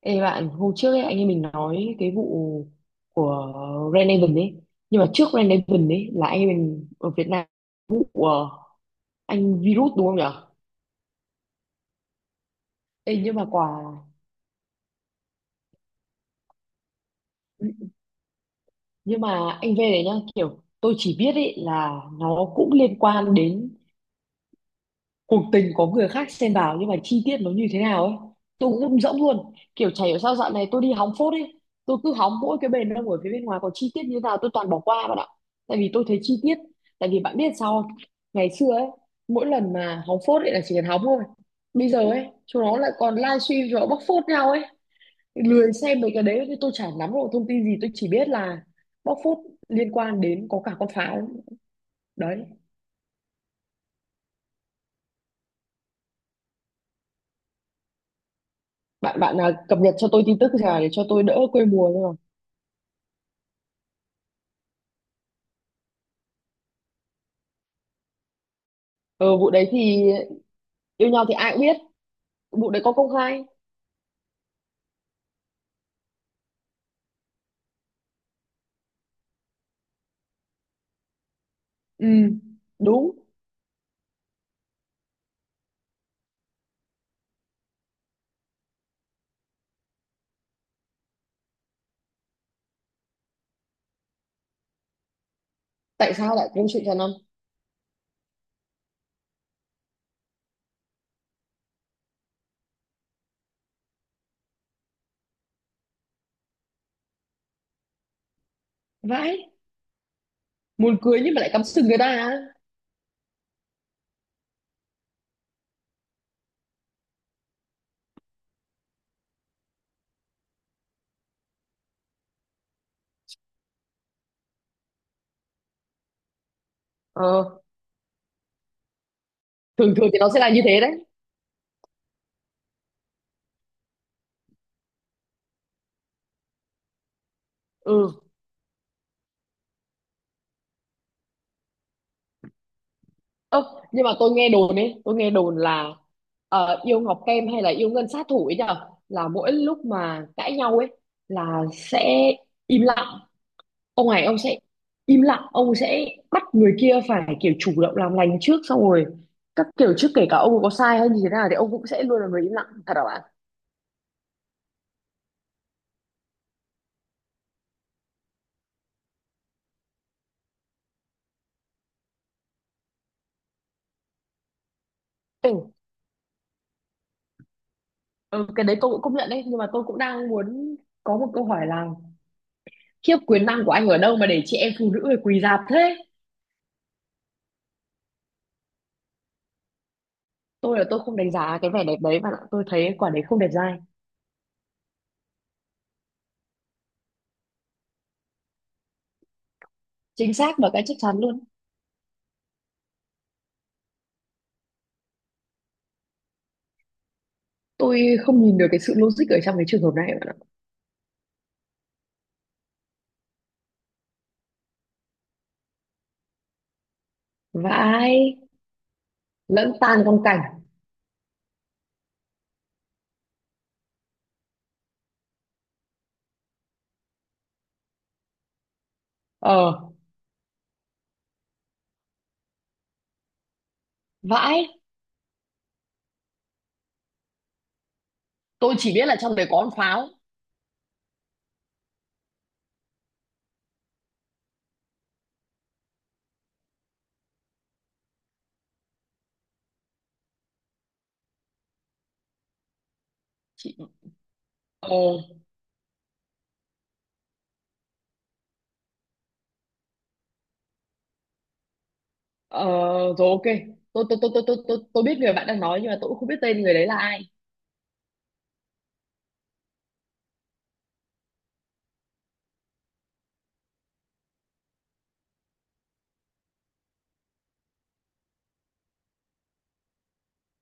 Ê bạn, hôm trước ấy, anh em mình nói cái vụ của Red Raven ấy. Nhưng mà trước Red Raven ấy là anh em mình ở Việt Nam vụ anh virus đúng không nhỉ? Ê, nhưng mà quả nhưng mà anh về đấy nhá, kiểu tôi chỉ biết ấy là nó cũng liên quan đến cuộc tình có người khác xen vào, nhưng mà chi tiết nó như thế nào ấy tôi cũng rung rỗng luôn, kiểu chả hiểu sao dạo này tôi đi hóng phốt ấy, tôi cứ hóng mỗi cái bền đông ở phía bên ngoài, có chi tiết như thế nào tôi toàn bỏ qua bạn ạ. Tại vì tôi thấy chi tiết, tại vì bạn biết sao không? Ngày xưa ấy, mỗi lần mà hóng phốt ấy là chỉ cần hóng thôi, bây giờ ấy chúng nó lại còn livestream rồi bóc phốt nhau ấy. Lười xem mấy cái đấy thì tôi chả nắm được thông tin gì, tôi chỉ biết là bóc phốt liên quan đến có cả con pháo. Đấy, bạn bạn à, cập nhật cho tôi tin tức nào để cho tôi đỡ quê mùa thôi mà. Ờ, vụ đấy thì yêu nhau thì ai cũng biết. Vụ đấy có công khai. Ừ, đúng. Tại sao lại công sự cho năm? Vãi, muốn cưới nhưng mà lại cắm sừng người ta à? Ờ, thường thường thì nó sẽ là như thế đấy. Ừ. Ơ, nhưng mà tôi nghe đồn ấy, tôi nghe đồn là yêu Ngọc Kem hay là yêu Ngân Sát Thủ ấy nhở? Là mỗi lúc mà cãi nhau ấy là sẽ im lặng, ông này ông sẽ im lặng, ông sẽ bắt người kia phải kiểu chủ động làm lành trước, xong rồi các kiểu trước, kể cả ông có sai hay như thế nào thì ông cũng sẽ luôn là người im lặng, thật hả bạn? Ừ, ừ cái đấy tôi cũng công nhận đấy, nhưng mà tôi cũng đang muốn có một câu hỏi là khiếp, quyền năng của anh ở đâu mà để chị em phụ nữ phải quỳ rạp thế? Tôi là tôi không đánh giá cái vẻ đẹp đấy bạn ạ, tôi thấy quả đấy không đẹp dai. Chính xác, và cái chắc chắn luôn. Tôi không nhìn được cái sự logic ở trong cái trường hợp này bạn ạ. Vãi. Lẫn tan trong cảnh. Ờ. Vãi. Tôi chỉ biết là trong đấy có con pháo. Chị. Ồ. Ờ, rồi ok. Tôi biết người bạn đang nói nhưng mà tôi cũng không biết tên người đấy là ai.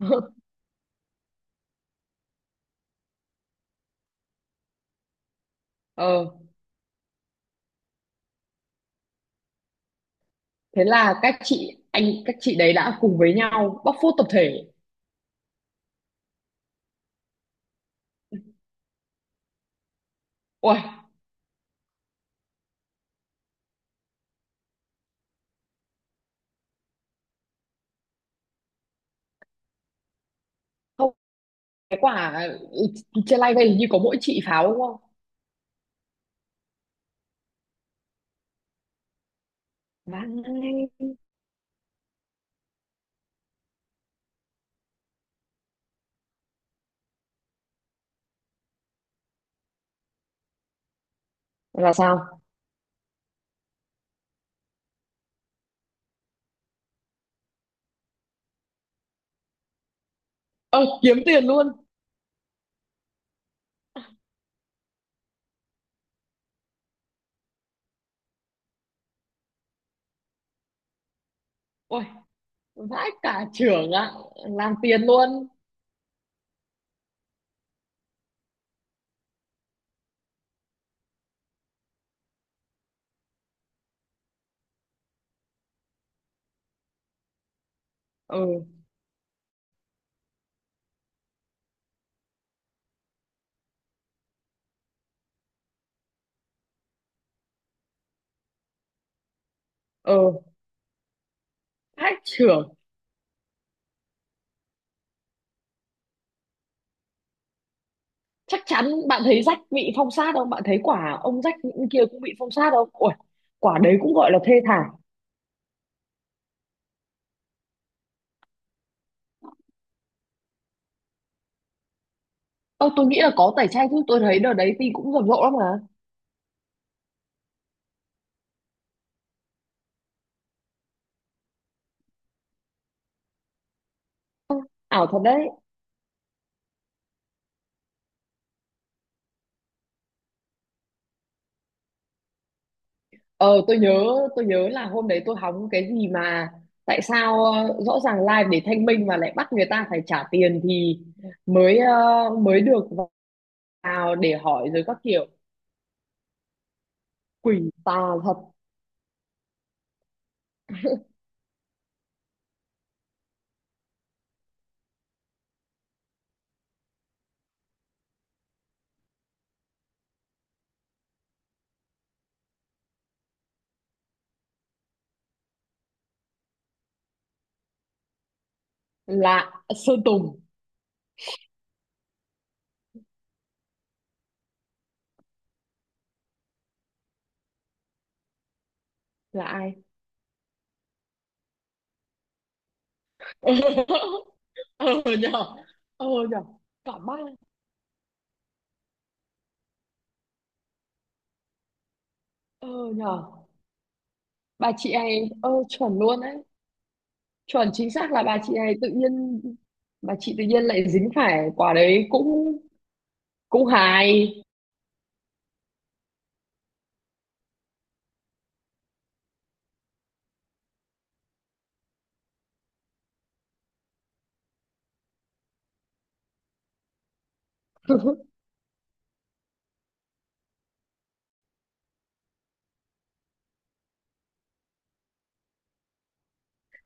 Ờ, thế là các chị, anh các chị đấy đã cùng với nhau bóc phốt tập thể. Ôi, không, cái quả trên live hình như có mỗi chị pháo đúng không? Vãi. Là sao? Ờ, kiếm tiền luôn. Ôi, vãi cả trưởng ạ, làm tiền luôn. Ừ, ừ, vãi trưởng. Chắc chắn. Bạn thấy rách bị phong sát không? Bạn thấy quả ông rách kia cũng bị phong sát không? Ui, quả đấy cũng gọi là thê thảm. Ờ tôi nghĩ là có tẩy chay chứ, tôi thấy đợt đấy tin cũng rầm rộ lắm mà. Ảo thật đấy. Ờ tôi nhớ, tôi nhớ là hôm đấy tôi hóng cái gì mà tại sao, rõ ràng live để thanh minh mà lại bắt người ta phải trả tiền thì mới, mới được vào để hỏi rồi các kiểu. Quỷ tà thật. Là Sơn Tùng là ai? Ờ nhở. Ờ nhở. Cả ba. Ờ nhờ. Bà chị ấy ờ chuẩn luôn đấy. Chuẩn, chính xác là bà chị ấy tự nhiên, bà chị tự nhiên lại dính phải quả đấy cũng cũng hài.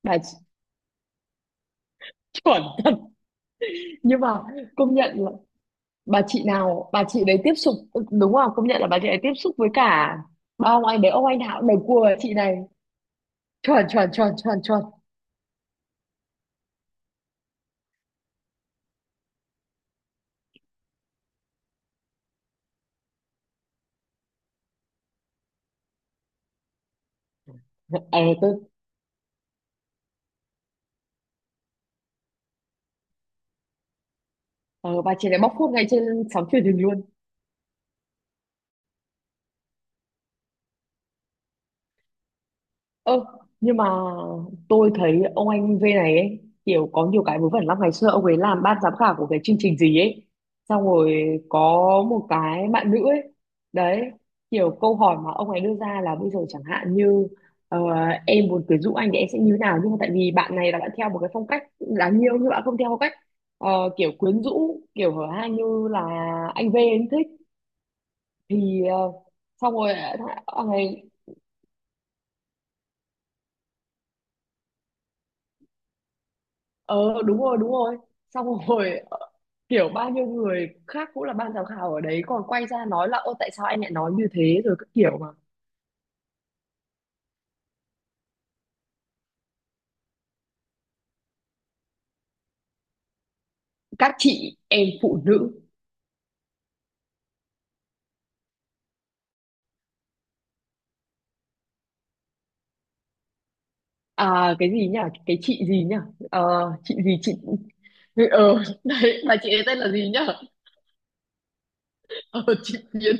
Bà chị, chuẩn thật. Nhưng mà công nhận là bà chị nào bà chị đấy tiếp xúc, đúng là công nhận là bà chị ấy tiếp xúc với cả ba ông anh đấy, ông anh nào cũng đều cua chị này. Chuẩn chuẩn chuẩn chuẩn chuẩn. Ờ tôi. Ờ, bà chị này bóc phốt ngay trên sóng truyền hình luôn. Ơ, nhưng mà tôi thấy ông anh V này ấy, kiểu có nhiều cái vớ vẩn lắm, ngày xưa ông ấy làm ban giám khảo của cái chương trình gì ấy, xong rồi có một cái bạn nữ ấy, đấy, kiểu câu hỏi mà ông ấy đưa ra là bây giờ chẳng hạn như ờ, em muốn quyến rũ anh thì em sẽ như thế nào, nhưng mà tại vì bạn này là bạn theo một cái phong cách đáng yêu nhưng bạn không theo phong cách ờ, kiểu quyến rũ kiểu hở hang như là anh V anh thích, thì xong rồi ông ấy, ờ đúng rồi đúng rồi, xong rồi kiểu bao nhiêu người khác cũng là ban giám khảo ở đấy còn quay ra nói là ô tại sao anh lại nói như thế rồi các kiểu mà. Các chị em phụ nữ. À, cái gì nhỉ, cái chị gì nhỉ. Ờ, chị gì chị. Ờ đấy mà chị ấy tên là gì nhỉ? Ờ, chị Yến.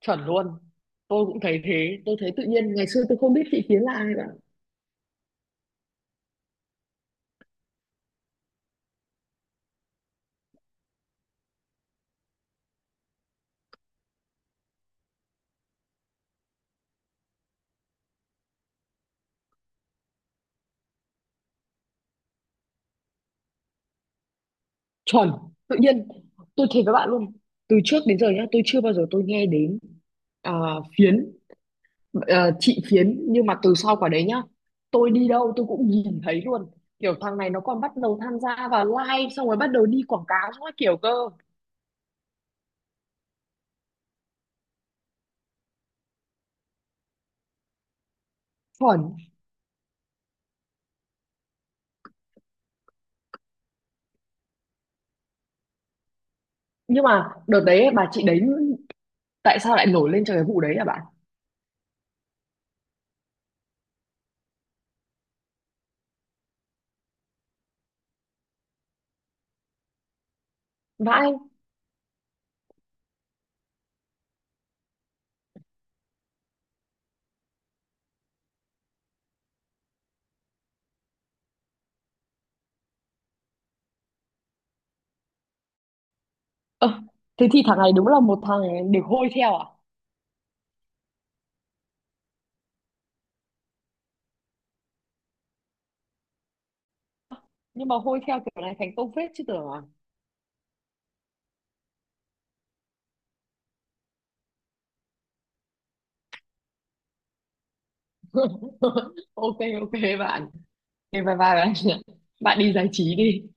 Chuẩn luôn, tôi cũng thấy thế, tôi thấy tự nhiên ngày xưa tôi không biết chị Yến là ai cả. Chuẩn, tự nhiên tôi thấy với bạn luôn, từ trước đến giờ nhá tôi chưa bao giờ tôi nghe đến, à, Phiến, ờ, thị phiến, nhưng mà từ sau quả đấy nhá tôi đi đâu tôi cũng nhìn thấy luôn, kiểu thằng này nó còn bắt đầu tham gia vào live xong rồi bắt đầu đi quảng cáo các kiểu cơ. Chuẩn. Nhưng mà đợt đấy bà chị đấy tại sao lại nổi lên cho cái vụ đấy à bạn? Vãi. Ờ, thế thì thằng này đúng là một thằng để hôi theo à. Nhưng mà hôi theo kiểu này thành công phết chứ tưởng à. Ok ok bạn. Thế bye bye bạn, bạn đi giải trí đi.